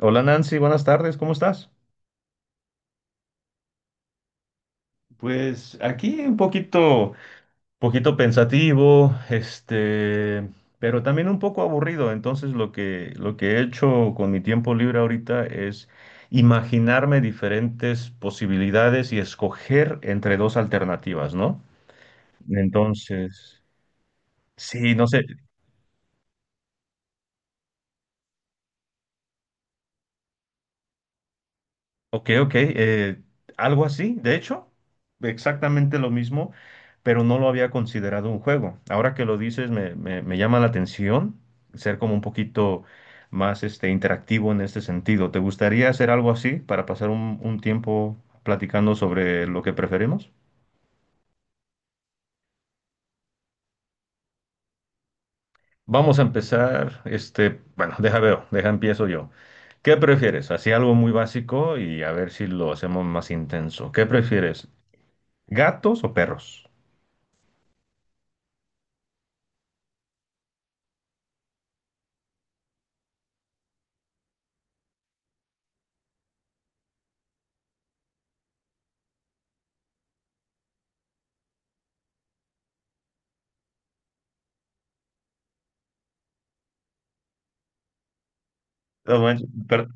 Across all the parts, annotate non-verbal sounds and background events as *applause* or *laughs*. Hola Nancy, buenas tardes, ¿cómo estás? Pues aquí un poquito, poquito pensativo, pero también un poco aburrido. Entonces lo que he hecho con mi tiempo libre ahorita es imaginarme diferentes posibilidades y escoger entre dos alternativas, ¿no? Entonces, sí, no sé. Ok, ok, algo así, de hecho, exactamente lo mismo, pero no lo había considerado un juego. Ahora que lo dices, me llama la atención ser como un poquito más interactivo en este sentido. ¿Te gustaría hacer algo así para pasar un tiempo platicando sobre lo que preferimos? Vamos a empezar, este, bueno, deja veo, deja empiezo yo. ¿Qué prefieres? Así algo muy básico y a ver si lo hacemos más intenso. ¿Qué prefieres? ¿Gatos o perros? No manches, per-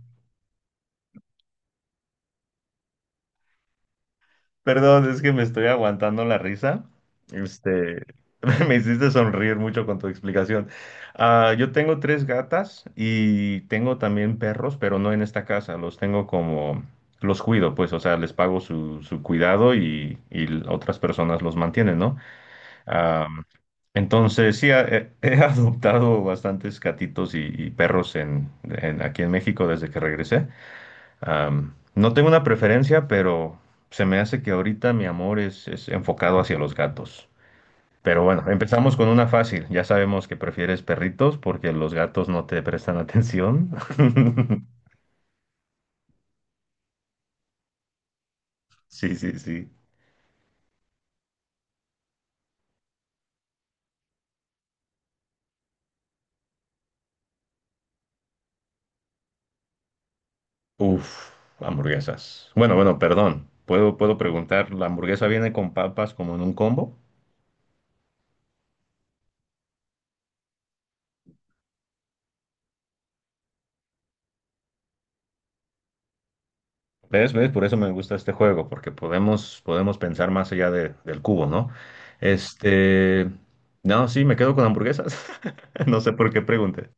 Perdón, es que me estoy aguantando la risa. Este, *laughs* Me hiciste sonreír mucho con tu explicación. Ah, yo tengo tres gatas y tengo también perros, pero no en esta casa. Los tengo como, los cuido, pues, o sea, les pago su cuidado y otras personas los mantienen, ¿no? Ah, entonces, sí, he, he *laughs* adoptado bastantes gatitos y perros aquí en México desde que regresé. No tengo una preferencia, pero se me hace que ahorita mi amor es enfocado hacia los gatos. Pero bueno, empezamos con una fácil. Ya sabemos que prefieres perritos porque los gatos no te prestan atención. *laughs* Sí, sí, sí. Uf, hamburguesas. Bueno, bueno, perdón. Puedo preguntar, ¿la hamburguesa viene con papas como en un combo? ¿Ves? ¿Ves? Por eso me gusta este juego, porque podemos pensar más allá del cubo, ¿no? Este, no, sí, me quedo con hamburguesas. *laughs* No sé por qué pregunté.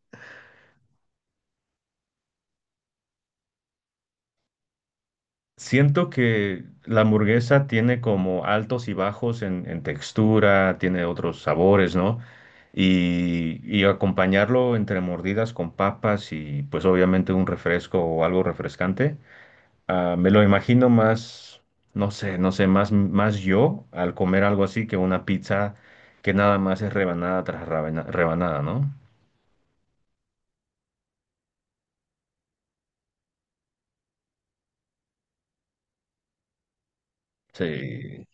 Siento que la hamburguesa tiene como altos y bajos en textura, tiene otros sabores, ¿no? Y acompañarlo entre mordidas con papas y pues obviamente un refresco o algo refrescante. Ah, me lo imagino más, no sé, no sé, más, más yo al comer algo así que una pizza que nada más es rebanada tras rebanada, ¿no? Sí,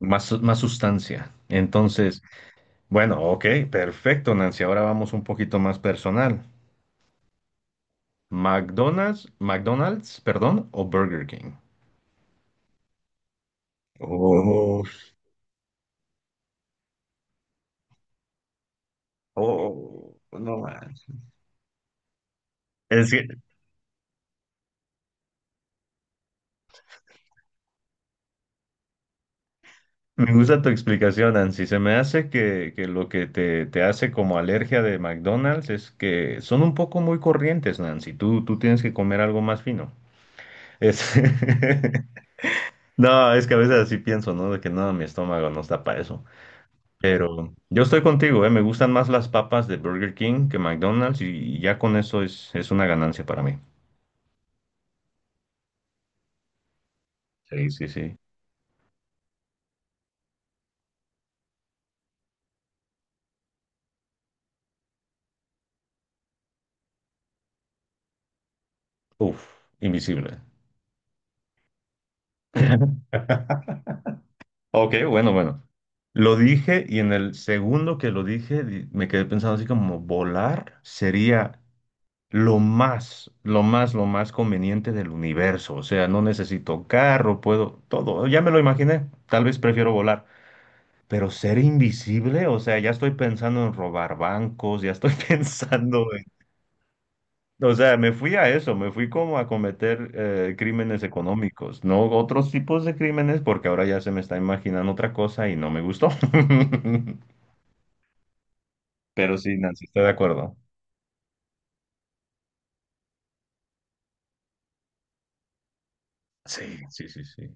más, más sustancia. Entonces, bueno, ok, perfecto, Nancy. Ahora vamos un poquito más personal. McDonald's, perdón, o Burger King. Oh, oh, no man. Es me gusta tu explicación, Nancy. Se me hace que lo que te hace como alergia de McDonald's es que son un poco muy corrientes, Nancy. Tú tienes que comer algo más fino. Es- *laughs* No, es que a veces así pienso, ¿no? De que no, mi estómago no está para eso. Pero yo estoy contigo, ¿eh? Me gustan más las papas de Burger King que McDonald's y ya con eso es una ganancia para mí. Sí, sí, sí. Uf, invisible. *laughs* Ok, bueno, bueno. Lo dije y en el segundo que lo dije di- me quedé pensando así como volar sería lo más conveniente del universo. O sea, no necesito carro, puedo todo. Ya me lo imaginé. Tal vez prefiero volar. Pero ser invisible, o sea, ya estoy pensando en robar bancos, ya estoy *laughs* pensando, o sea, me fui a eso, me fui como a cometer crímenes económicos, no otros tipos de crímenes, porque ahora ya se me está imaginando otra cosa y no me gustó. *laughs* Pero sí, Nancy, estoy de acuerdo. Sí, sí, sí, sí.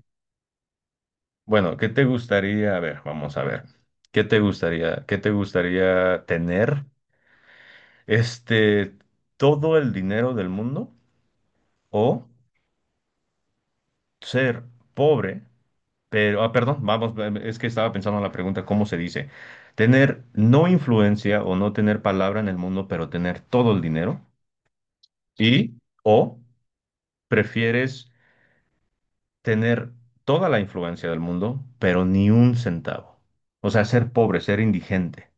Bueno, ¿qué te gustaría? A ver, vamos a ver. ¿Qué te gustaría? ¿Qué te gustaría tener? Este, todo el dinero del mundo o ser pobre. Pero, ah, perdón, vamos, es que estaba pensando en la pregunta, ¿cómo se dice? Tener no influencia o no tener palabra en el mundo, pero tener todo el dinero. Y, o prefieres tener toda la influencia del mundo, pero ni un centavo. O sea, ser pobre, ser indigente.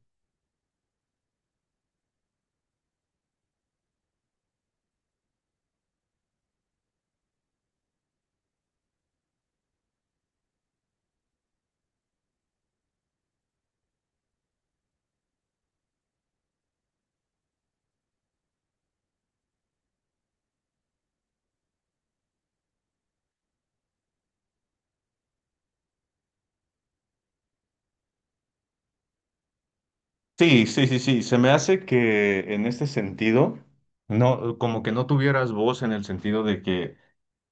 Sí, sí, sí, sí. Se me hace que en este sentido, no, como que no tuvieras voz en el sentido de que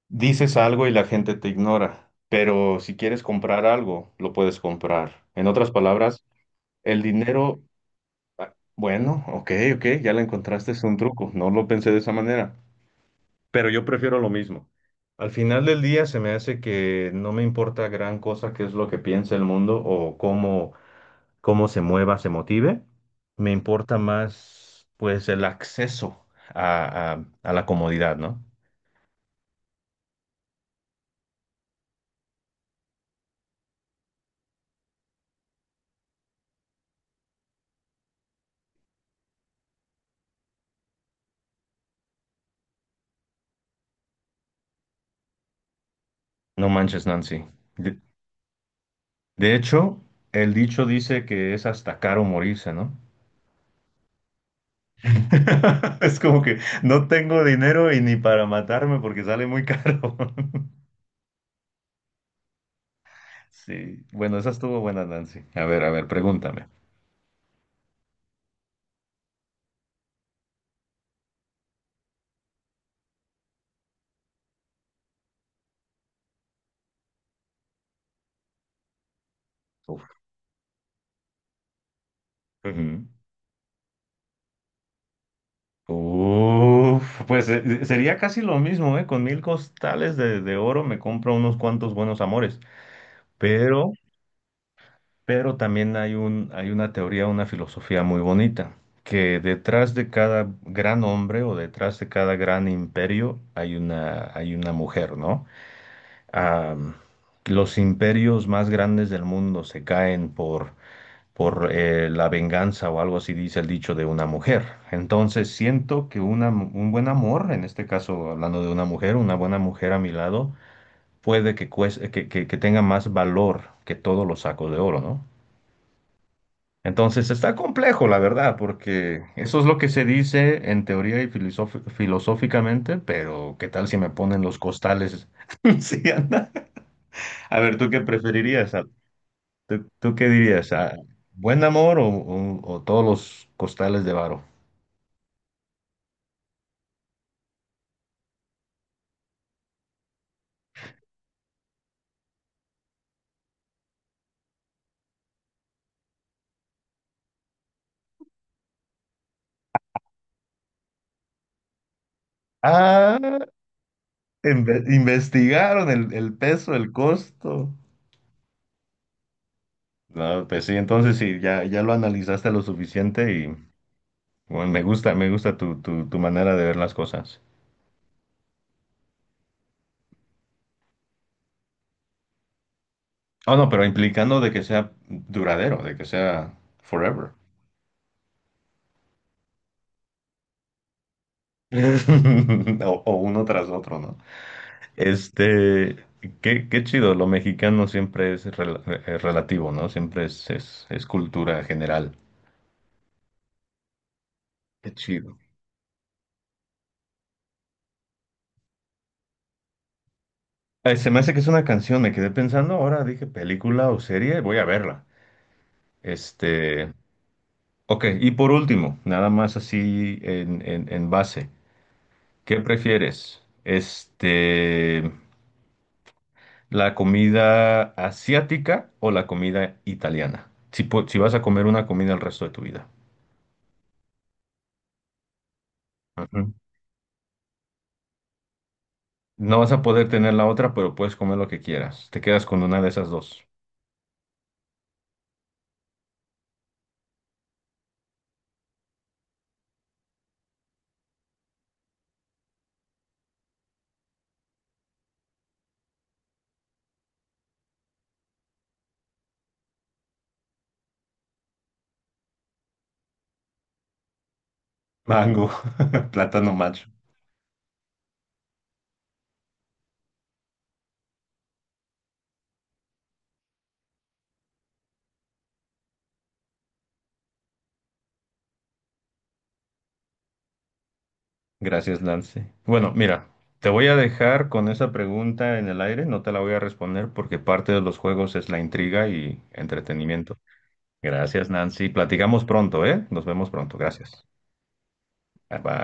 dices algo y la gente te ignora, pero si quieres comprar algo, lo puedes comprar. En otras palabras, el dinero, ah, bueno, ok, ok, ya la encontraste, es un truco, no lo pensé de esa manera, pero yo prefiero lo mismo. Al final del día se me hace que no me importa gran cosa qué es lo que piensa el mundo o cómo, cómo se mueva, se motive. Me importa más, pues, el acceso a la comodidad, ¿no? No manches, Nancy. De hecho, el dicho dice que es hasta caro morirse, ¿no? *laughs* Es como que no tengo dinero y ni para matarme porque sale muy caro. *laughs* Sí, bueno, esa estuvo buena, Nancy. A ver, pregúntame. Uf. Ujú. Uf, pues sería casi lo mismo, ¿eh? Con mil costales de oro me compro unos cuantos buenos amores. Pero Pero también hay hay una teoría, una filosofía muy bonita, que detrás de cada gran hombre o detrás de cada gran imperio hay hay una mujer, ¿no? Am, los imperios más grandes del mundo se caen por la venganza o algo así dice el dicho de una mujer. Entonces siento que un buen amor, en este caso hablando de una mujer, una buena mujer a mi lado, puede que tenga más valor que todos los sacos de oro, ¿no? Entonces está complejo, la verdad, porque eso es lo que se dice en teoría y filosóficamente, pero ¿qué tal si me ponen los costales? *laughs* Sí, anda. A ver, ¿tú qué preferirías? Ah, ¿tú, tú qué dirías? Ah, ¿buen amor o todos los costales de varo? Ah, investigaron el peso, el costo. No, pues sí, entonces sí, ya, ya lo analizaste lo suficiente y bueno, me gusta tu manera de ver las cosas. Ah, no, pero implicando de que sea duradero, de que sea forever. *laughs* O, o uno tras otro, ¿no? Este, qué chido, lo mexicano siempre es relativo, ¿no? Siempre es cultura general. Qué chido. Se me hace que es una canción, me quedé pensando, ahora dije película o serie, voy a verla. Este, ok, y por último, nada más así en base, ¿qué prefieres? Este... ¿La comida asiática o la comida italiana? Si, pu- si vas a comer una comida el resto de tu vida. Ujú. No vas a poder tener la otra, pero puedes comer lo que quieras. Te quedas con una de esas dos. Mango, *laughs* plátano macho. Gracias, Lance. Bueno, mira, te voy a dejar con esa pregunta en el aire, no te la voy a responder porque parte de los juegos es la intriga y entretenimiento. Gracias, Nancy. Platicamos pronto, ¿eh? Nos vemos pronto. Gracias. Bye.